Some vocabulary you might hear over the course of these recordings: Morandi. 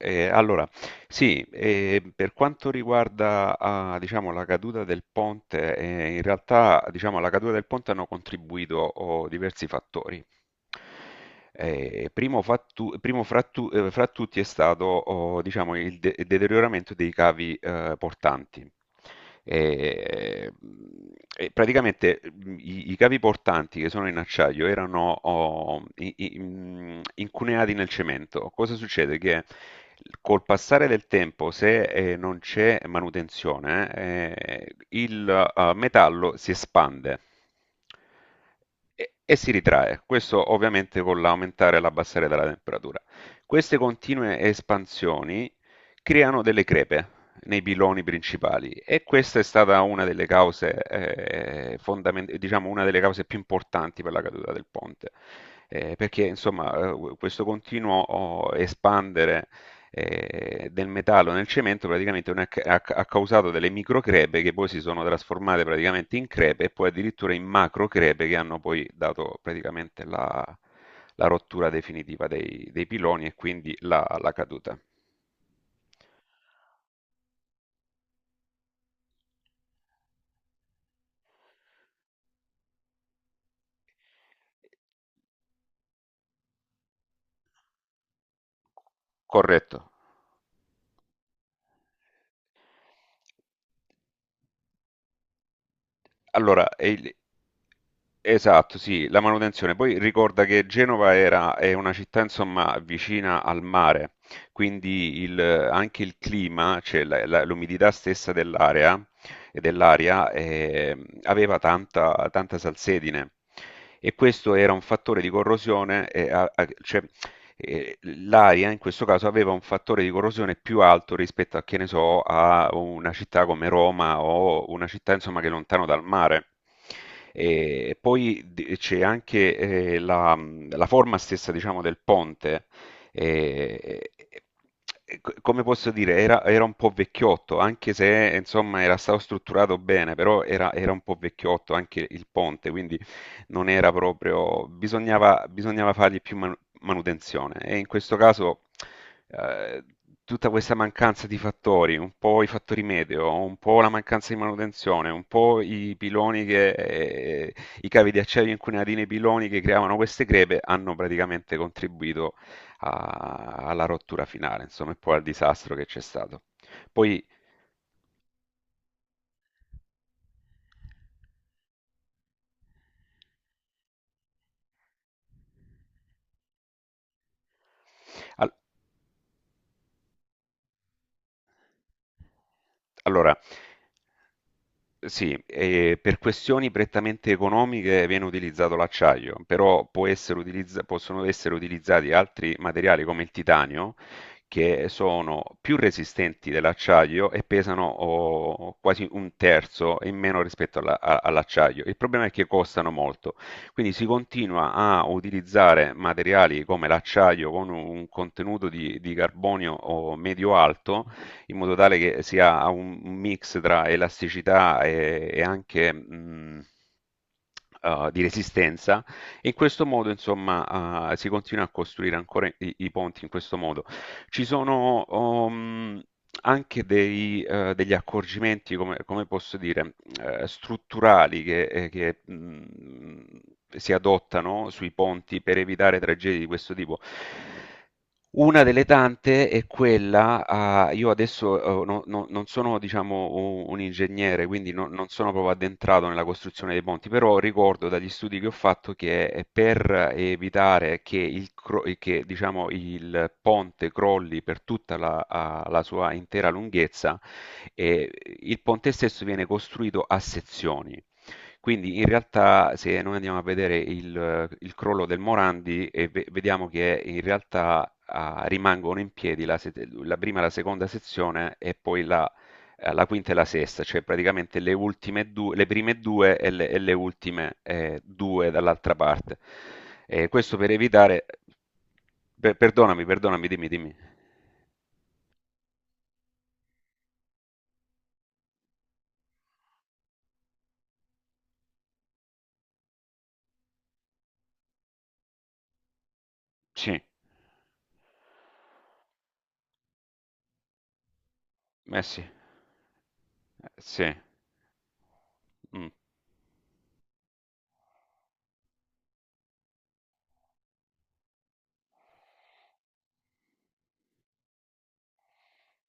Eh, allora, sì, per quanto riguarda diciamo, la caduta del ponte, in realtà diciamo, alla caduta del ponte hanno contribuito diversi fattori. Primo, primo fra, fra tutti è stato diciamo, il deterioramento dei cavi portanti. E, e praticamente i cavi portanti che sono in acciaio erano incuneati nel cemento. Cosa succede? Che col passare del tempo, se non c'è manutenzione, il metallo si espande e si ritrae. Questo ovviamente con l'aumentare e l'abbassare della temperatura. Queste continue espansioni creano delle crepe nei piloni principali e questa è stata una delle cause, diciamo una delle cause più importanti per la caduta del ponte. Perché insomma questo continuo espandere del metallo nel cemento praticamente non è ca- ha causato delle microcrepe che poi si sono trasformate praticamente in crepe e poi addirittura in macrocrepe che hanno poi dato praticamente la, la rottura definitiva dei piloni e quindi la caduta. Corretto. Allora, e il- esatto, sì, la manutenzione. Poi ricorda che Genova era, è una città, insomma, vicina al mare, quindi anche il clima, cioè l'umidità stessa dell'area, e dell'aria, aveva tanta, tanta salsedine. E questo era un fattore di corrosione, cioè l'aria in questo caso aveva un fattore di corrosione più alto rispetto a, che ne so, a una città come Roma o una città insomma che è lontano dal mare. E poi c'è anche la forma stessa, diciamo, del ponte. eh, Come posso dire, era, era un po' vecchiotto, anche se insomma era stato strutturato bene, però era, era un po' vecchiotto anche il ponte, quindi non era proprio, bisognava, bisognava fargli più, manutenzione. E in questo caso eh, tutta questa mancanza di fattori, un po' i fattori meteo, un po' la mancanza di manutenzione, un po' i piloni i cavi di acciaio incunati nei piloni che creavano queste crepe hanno praticamente contribuito alla rottura finale, insomma, e poi al disastro che c'è stato. Poi, al- allora, Sì, e per questioni prettamente economiche viene utilizzato l'acciaio, però possono essere utilizzati altri materiali come il titanio, che sono più resistenti dell'acciaio e pesano quasi un terzo in meno rispetto all'acciaio. Il problema è che costano molto, quindi si continua a utilizzare materiali come l'acciaio con un contenuto di carbonio medio-alto in modo tale che sia un mix tra elasticità e anche di resistenza. E in questo modo, insomma, si continua a costruire ancora i ponti in questo modo. Ci sono anche dei, degli accorgimenti, come, come posso dire, strutturali si adottano sui ponti per evitare tragedie di questo tipo. Una delle tante è quella a io adesso, no, non sono diciamo u un ingegnere, quindi no non sono proprio addentrato nella costruzione dei ponti, però ricordo dagli studi che ho fatto per evitare che diciamo il ponte crolli per tutta la sua intera lunghezza, ehm, il ponte stesso viene costruito a sezioni. Quindi in realtà se noi andiamo a vedere il crollo del Morandi e vediamo che in realtà rimangono in piedi la, se- la prima e la seconda sezione e poi la quinta e la sesta, cioè praticamente le ultime due, le prime due e le ultime due dall'altra parte. Questo per evitare... perdonami, perdonami, dimmi, dimmi. Sì, eh sì, eh sì, mm,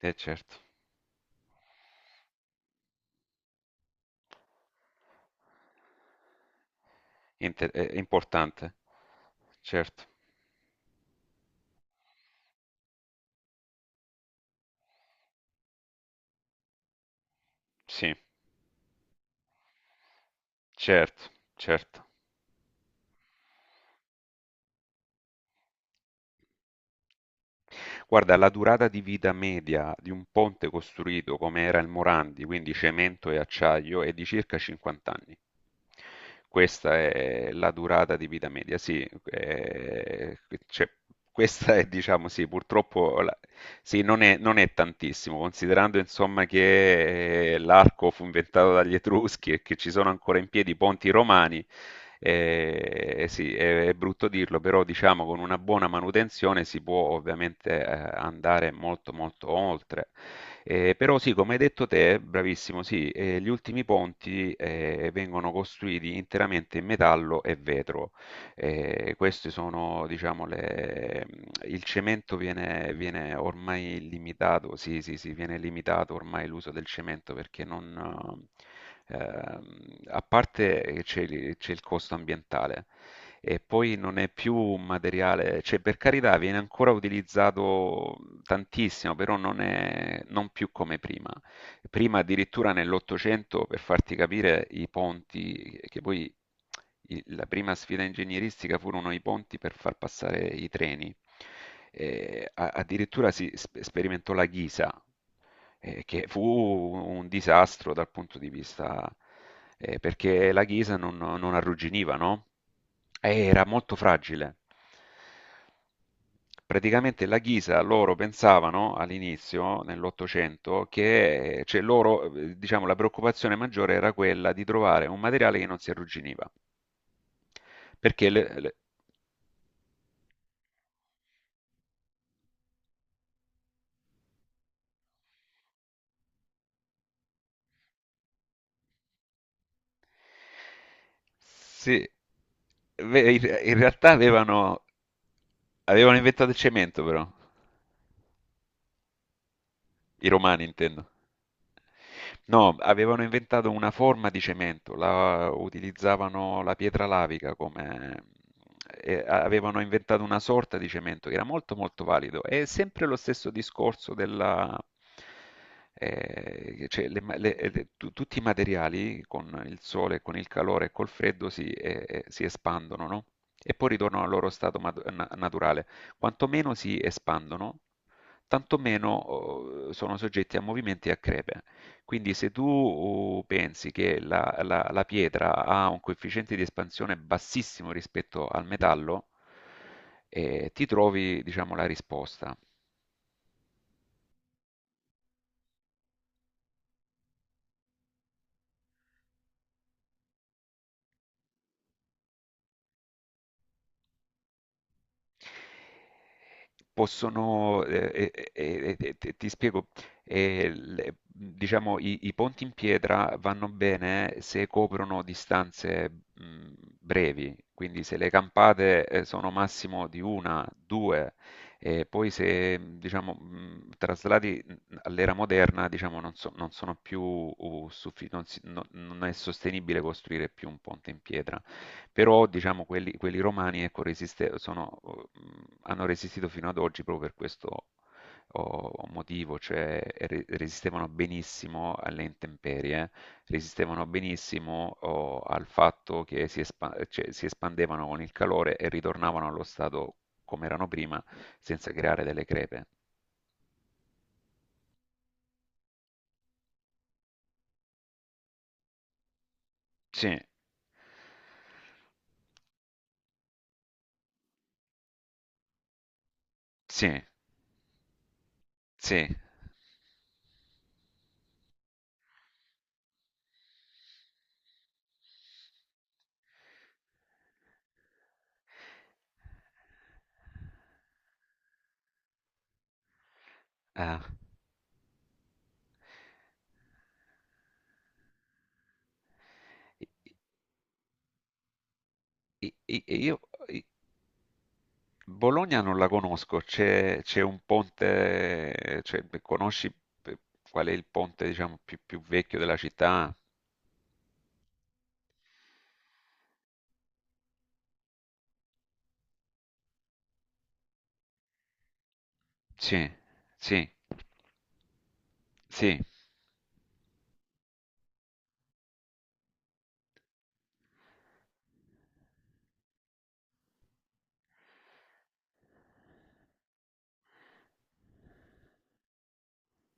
eh certo. È importante, certo, sì. Certo, certo. Guarda, la durata di vita media di un ponte costruito come era il Morandi, quindi cemento e acciaio, è di circa 50 anni. Questa è la durata di vita media, cioè, questa è, diciamo, sì, purtroppo, sì, non è, non è tantissimo, considerando, insomma, che l'arco fu inventato dagli Etruschi e che ci sono ancora in piedi i ponti romani. Sì, è brutto dirlo, però diciamo con una buona manutenzione si può ovviamente andare molto molto oltre. Però sì, come hai detto te, bravissimo, sì, gli ultimi ponti vengono costruiti interamente in metallo e vetro. Questi sono diciamo il cemento viene ormai limitato sì, sì, sì, viene limitato ormai l'uso del cemento perché non a parte che c'è il costo ambientale e poi non è più un materiale cioè per carità viene ancora utilizzato tantissimo, però non più come prima. Prima addirittura nell'Ottocento, per farti capire, i ponti, che poi la prima sfida ingegneristica furono i ponti per far passare i treni. Addirittura sperimentò la ghisa, che fu un disastro dal punto di vista, perché la ghisa non, non arrugginiva, no? Era molto fragile. Praticamente la ghisa loro pensavano all'inizio, nell'Ottocento, diciamo, la preoccupazione maggiore era quella di trovare un materiale che non si arrugginiva. Perché le- le- sì, in in realtà avevano, avevano inventato il cemento, però, i romani intendo. No, avevano inventato una forma di cemento, la, utilizzavano la pietra lavica come... e avevano inventato una sorta di cemento che era molto molto valido. È sempre lo stesso discorso della... cioè, le ma- le- tu- tutti i materiali con il sole, con il calore e col freddo si espandono, no? E poi ritornano al loro stato naturale. Quanto meno si espandono, tanto meno sono soggetti a movimenti e a crepe. Quindi se tu pensi che la pietra ha un coefficiente di espansione bassissimo rispetto al metallo, ti trovi, diciamo, la risposta. Possono, ti ti spiego, diciamo i ponti in pietra vanno bene se coprono distanze brevi, quindi se le campate sono massimo di una, due, e poi se diciamo traslati all'era moderna, diciamo non, non sono più non si- non- non è sostenibile costruire più un ponte in pietra, però diciamo quelli, quelli romani ecco, sono, hanno resistito fino ad oggi proprio per questo oh, motivo, cioè resistevano benissimo alle intemperie, resistevano benissimo al fatto cioè, si espandevano con il calore e ritornavano allo stato come erano prima senza creare delle crepe. Sì, sì, sì. Ah. E io, Bologna non la conosco, c'è un ponte, cioè, beh, conosci eh, qual è il ponte, diciamo, più, più vecchio della città? Sì, sì, sì,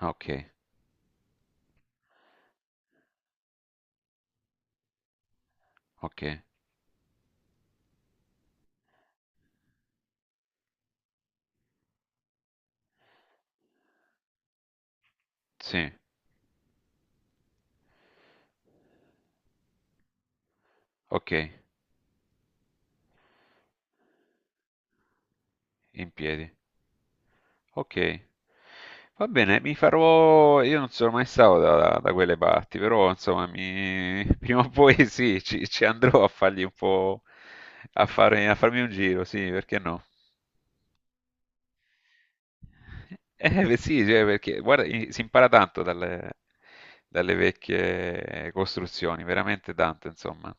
ok, ok, sì, ok, in piedi, ok. Va bene, mi farò, io non sono mai stato da, da quelle parti, però insomma, mi- prima o poi sì, ci, ci andrò a fargli un po', a farmi un giro, sì, perché no? Eh beh, sì, cioè, perché guarda, si impara tanto dalle, dalle vecchie costruzioni, veramente tanto, insomma.